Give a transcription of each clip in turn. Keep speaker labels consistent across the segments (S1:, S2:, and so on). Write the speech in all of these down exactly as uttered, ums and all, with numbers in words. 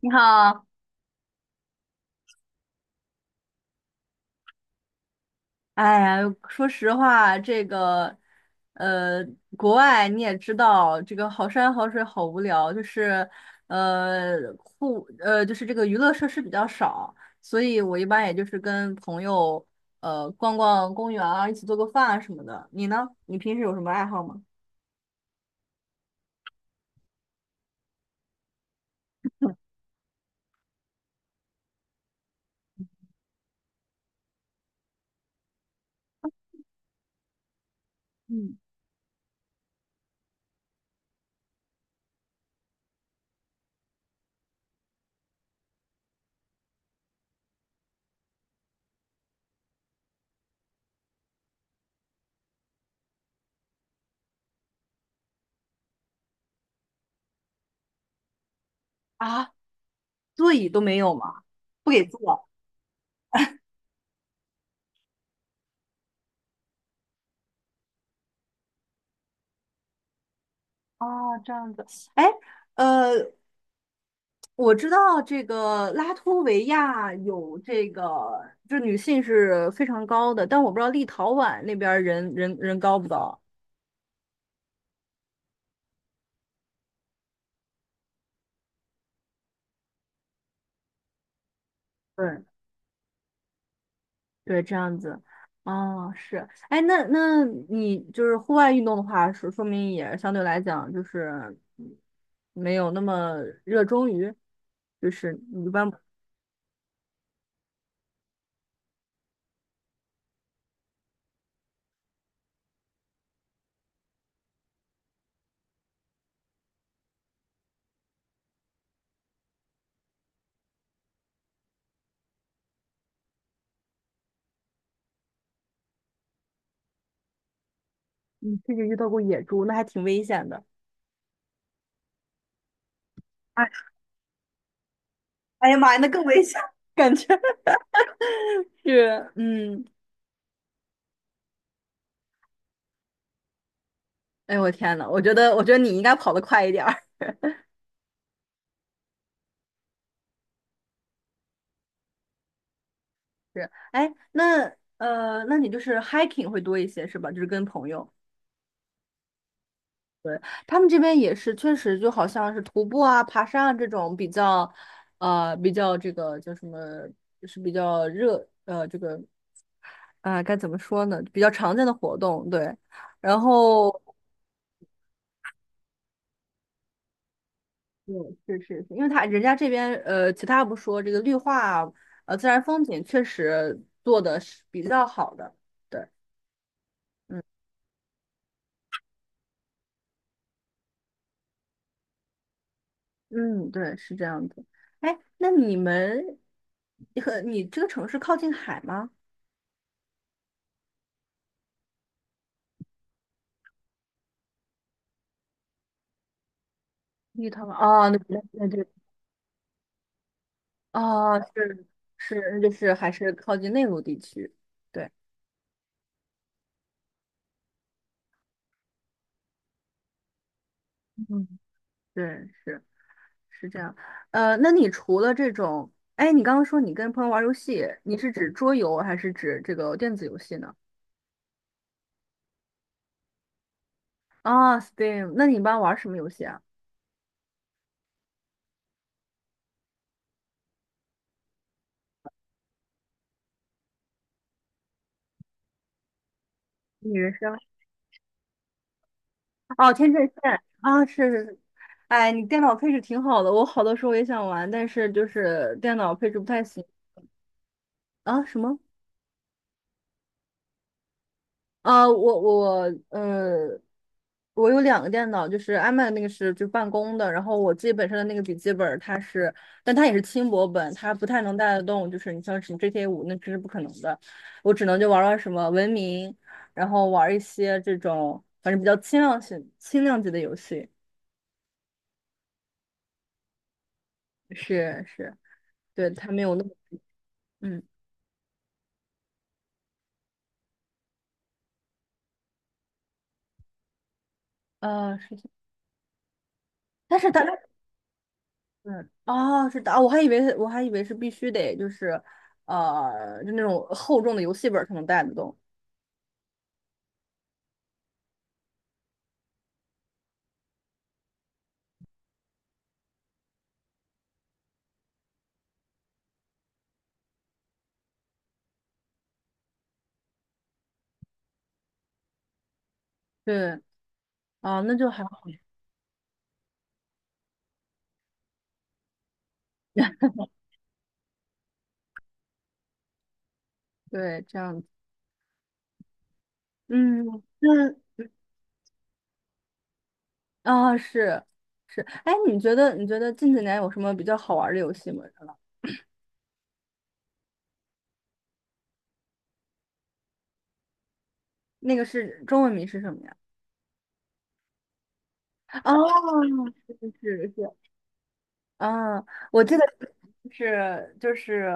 S1: 你好。哎呀，说实话，这个，呃，国外你也知道，这个好山好水好无聊，就是，呃，户，呃，就是这个娱乐设施比较少，所以我一般也就是跟朋友，呃，逛逛公园啊，一起做个饭啊什么的。你呢？你平时有什么爱好吗？嗯。啊，座椅都没有吗？不给坐。啊，这样子。哎，呃，我知道这个拉脱维亚有这个，就是女性是非常高的，但我不知道立陶宛那边儿人人人高不高。对对，这样子。哦，是。哎，那那你就是户外运动的话，说说明也相对来讲就是没有那么热衷于，就是你一般。你甚至遇到过野猪，那还挺危险的。哎哎呀妈呀，那更危险！是，嗯。哎，我天呐，我觉得我觉得你应该跑得快一点儿。是，哎，那呃，那你就是 hiking 会多一些是吧？就是跟朋友，对，他们这边也是，确实就好像是徒步啊、爬山啊这种比较，呃，比较这个叫什么，就是比较热，呃，这个啊，该怎么说呢？比较常见的活动，对。然后，嗯，是是是，因为他人家这边呃，其他不说，这个绿化啊，呃，自然风景确实做的是比较好的。对。嗯，对，是这样子。哎，那你们和你这个城市靠近海吗？绿陶吗？哦，那那那就。哦，是是，那就是还是靠近内陆地区。对，嗯，对，是是这样。呃，那你除了这种，哎，你刚刚说你跟朋友玩游戏，你是指桌游还是指这个电子游戏呢？啊， s t e a m, 那你一般玩什么游戏啊？女生。哦，天阵线。啊，是是是，哎，你电脑配置挺好的，我好多时候也想玩，但是就是电脑配置不太行。啊，什么？啊，我我呃，我有两个电脑，就是 iMac 那个是就办公的，然后我自己本身的那个笔记本儿它是，但它也是轻薄本，它不太能带得动，就是你像什么 G T A 五那真是不可能的，我只能就玩玩什么文明，然后玩一些这种反正比较轻量型轻量级的游戏。是是。对，它没有那么。嗯，呃，是的。但是他，嗯，哦，是的。哦，我还以为是我还以为是必须得就是，呃，就那种厚重的游戏本儿才能带得动。对，啊，那就还好。对，这样子，嗯嗯，啊，是是。哎，你觉得你觉得近几年有什么比较好玩儿的游戏吗？那个是中文名是什么呀？哦，是是是，嗯，我记得是就是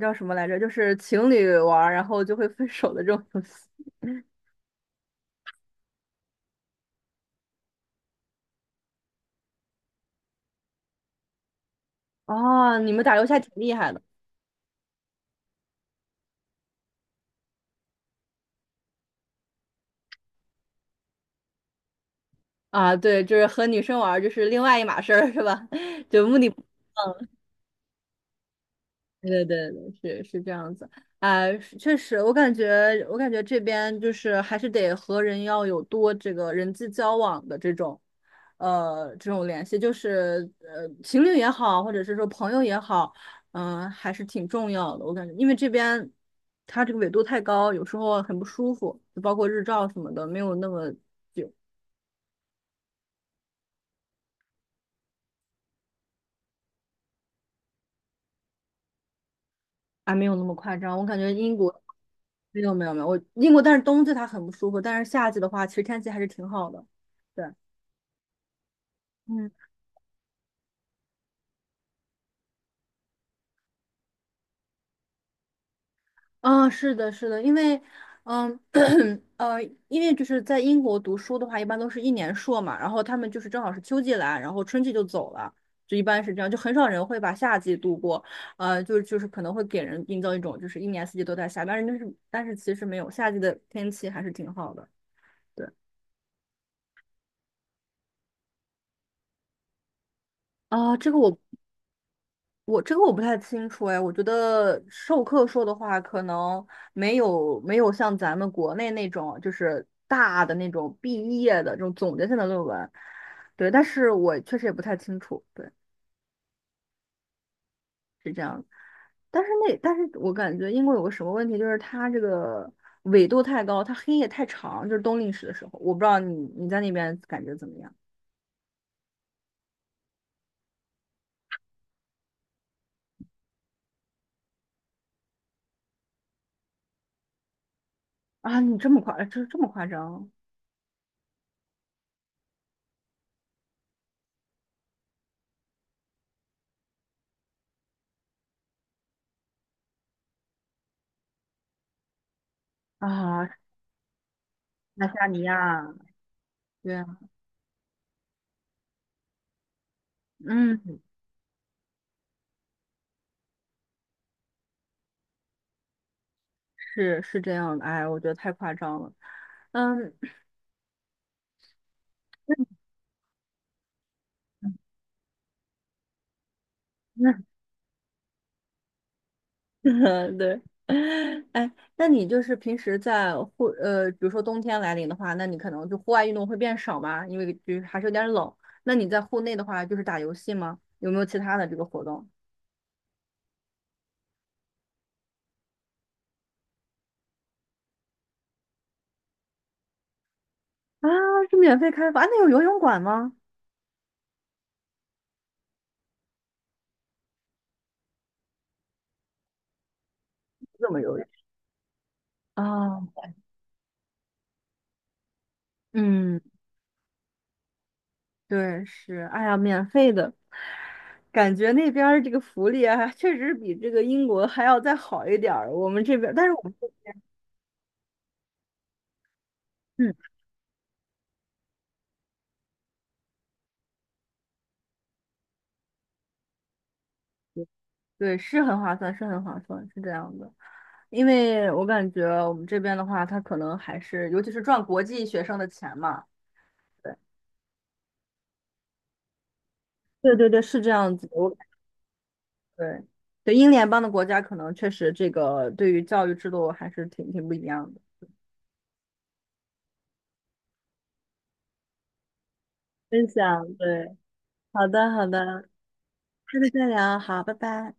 S1: 叫什么来着？就是情侣玩儿，然后就会分手的这种游戏。哦，你们打游戏还挺厉害的。啊！对，就是和女生玩儿就是另外一码事儿，是吧？就目的嗯。对对对，是是这样子，哎，是确实，我感觉我感觉这边就是还是得和人要有多这个人际交往的这种，呃，这种联系，就是呃，情侣也好，或者是说朋友也好，嗯，还是挺重要的。我感觉，因为这边它这个纬度太高，有时候很不舒服，就包括日照什么的，没有那么。啊，没有那么夸张。我感觉英国没有没有没有，我英国但是冬季它很不舒服，但是夏季的话，其实天气还是挺好的。对。嗯，啊，是的，是的，因为，嗯，呃，因为就是在英国读书的话，一般都是一年硕嘛，然后他们就是正好是秋季来，然后春季就走了，就一般是这样，就很少人会把夏季度过，呃，就就是可能会给人营造一种就是一年四季都在下，但是就是但是其实没有，夏季的天气还是挺好的。对。啊，这个我我这个我不太清楚哎，我觉得授课说的话，可能没有没有像咱们国内那种就是大的那种毕业的这种总结性的论文，对，但是我确实也不太清楚，对，但是那但是我感觉英国有个什么问题，就是它这个纬度太高，它黑夜太长，就是冬令时的时候，我不知道你你在那边感觉怎么样。啊？你这么夸，这这么夸张啊？爱沙尼亚，对啊，嗯。是是这样的，哎，我觉得太夸张了。嗯，那对。哎，那你就是平时在户呃，比如说冬天来临的话，那你可能就户外运动会变少嘛，因为就是还是有点冷。那你在户内的话，就是打游戏吗？有没有其他的这个活动？啊，是免费开放。啊，那有游泳馆吗？怎么游泳？啊，嗯，对，是。哎呀，免费的，感觉那边儿这个福利还确实比这个英国还要再好一点儿。我们这边儿，但是我们嗯，对，是很划算，是很划算，是这样的。因为我感觉我们这边的话，他可能还是，尤其是赚国际学生的钱嘛。对，对对对，是这样子。我对对，英联邦的国家可能确实这个对于教育制度还是挺挺不一样的。分享，对，好的好的，下次再聊，好，拜拜。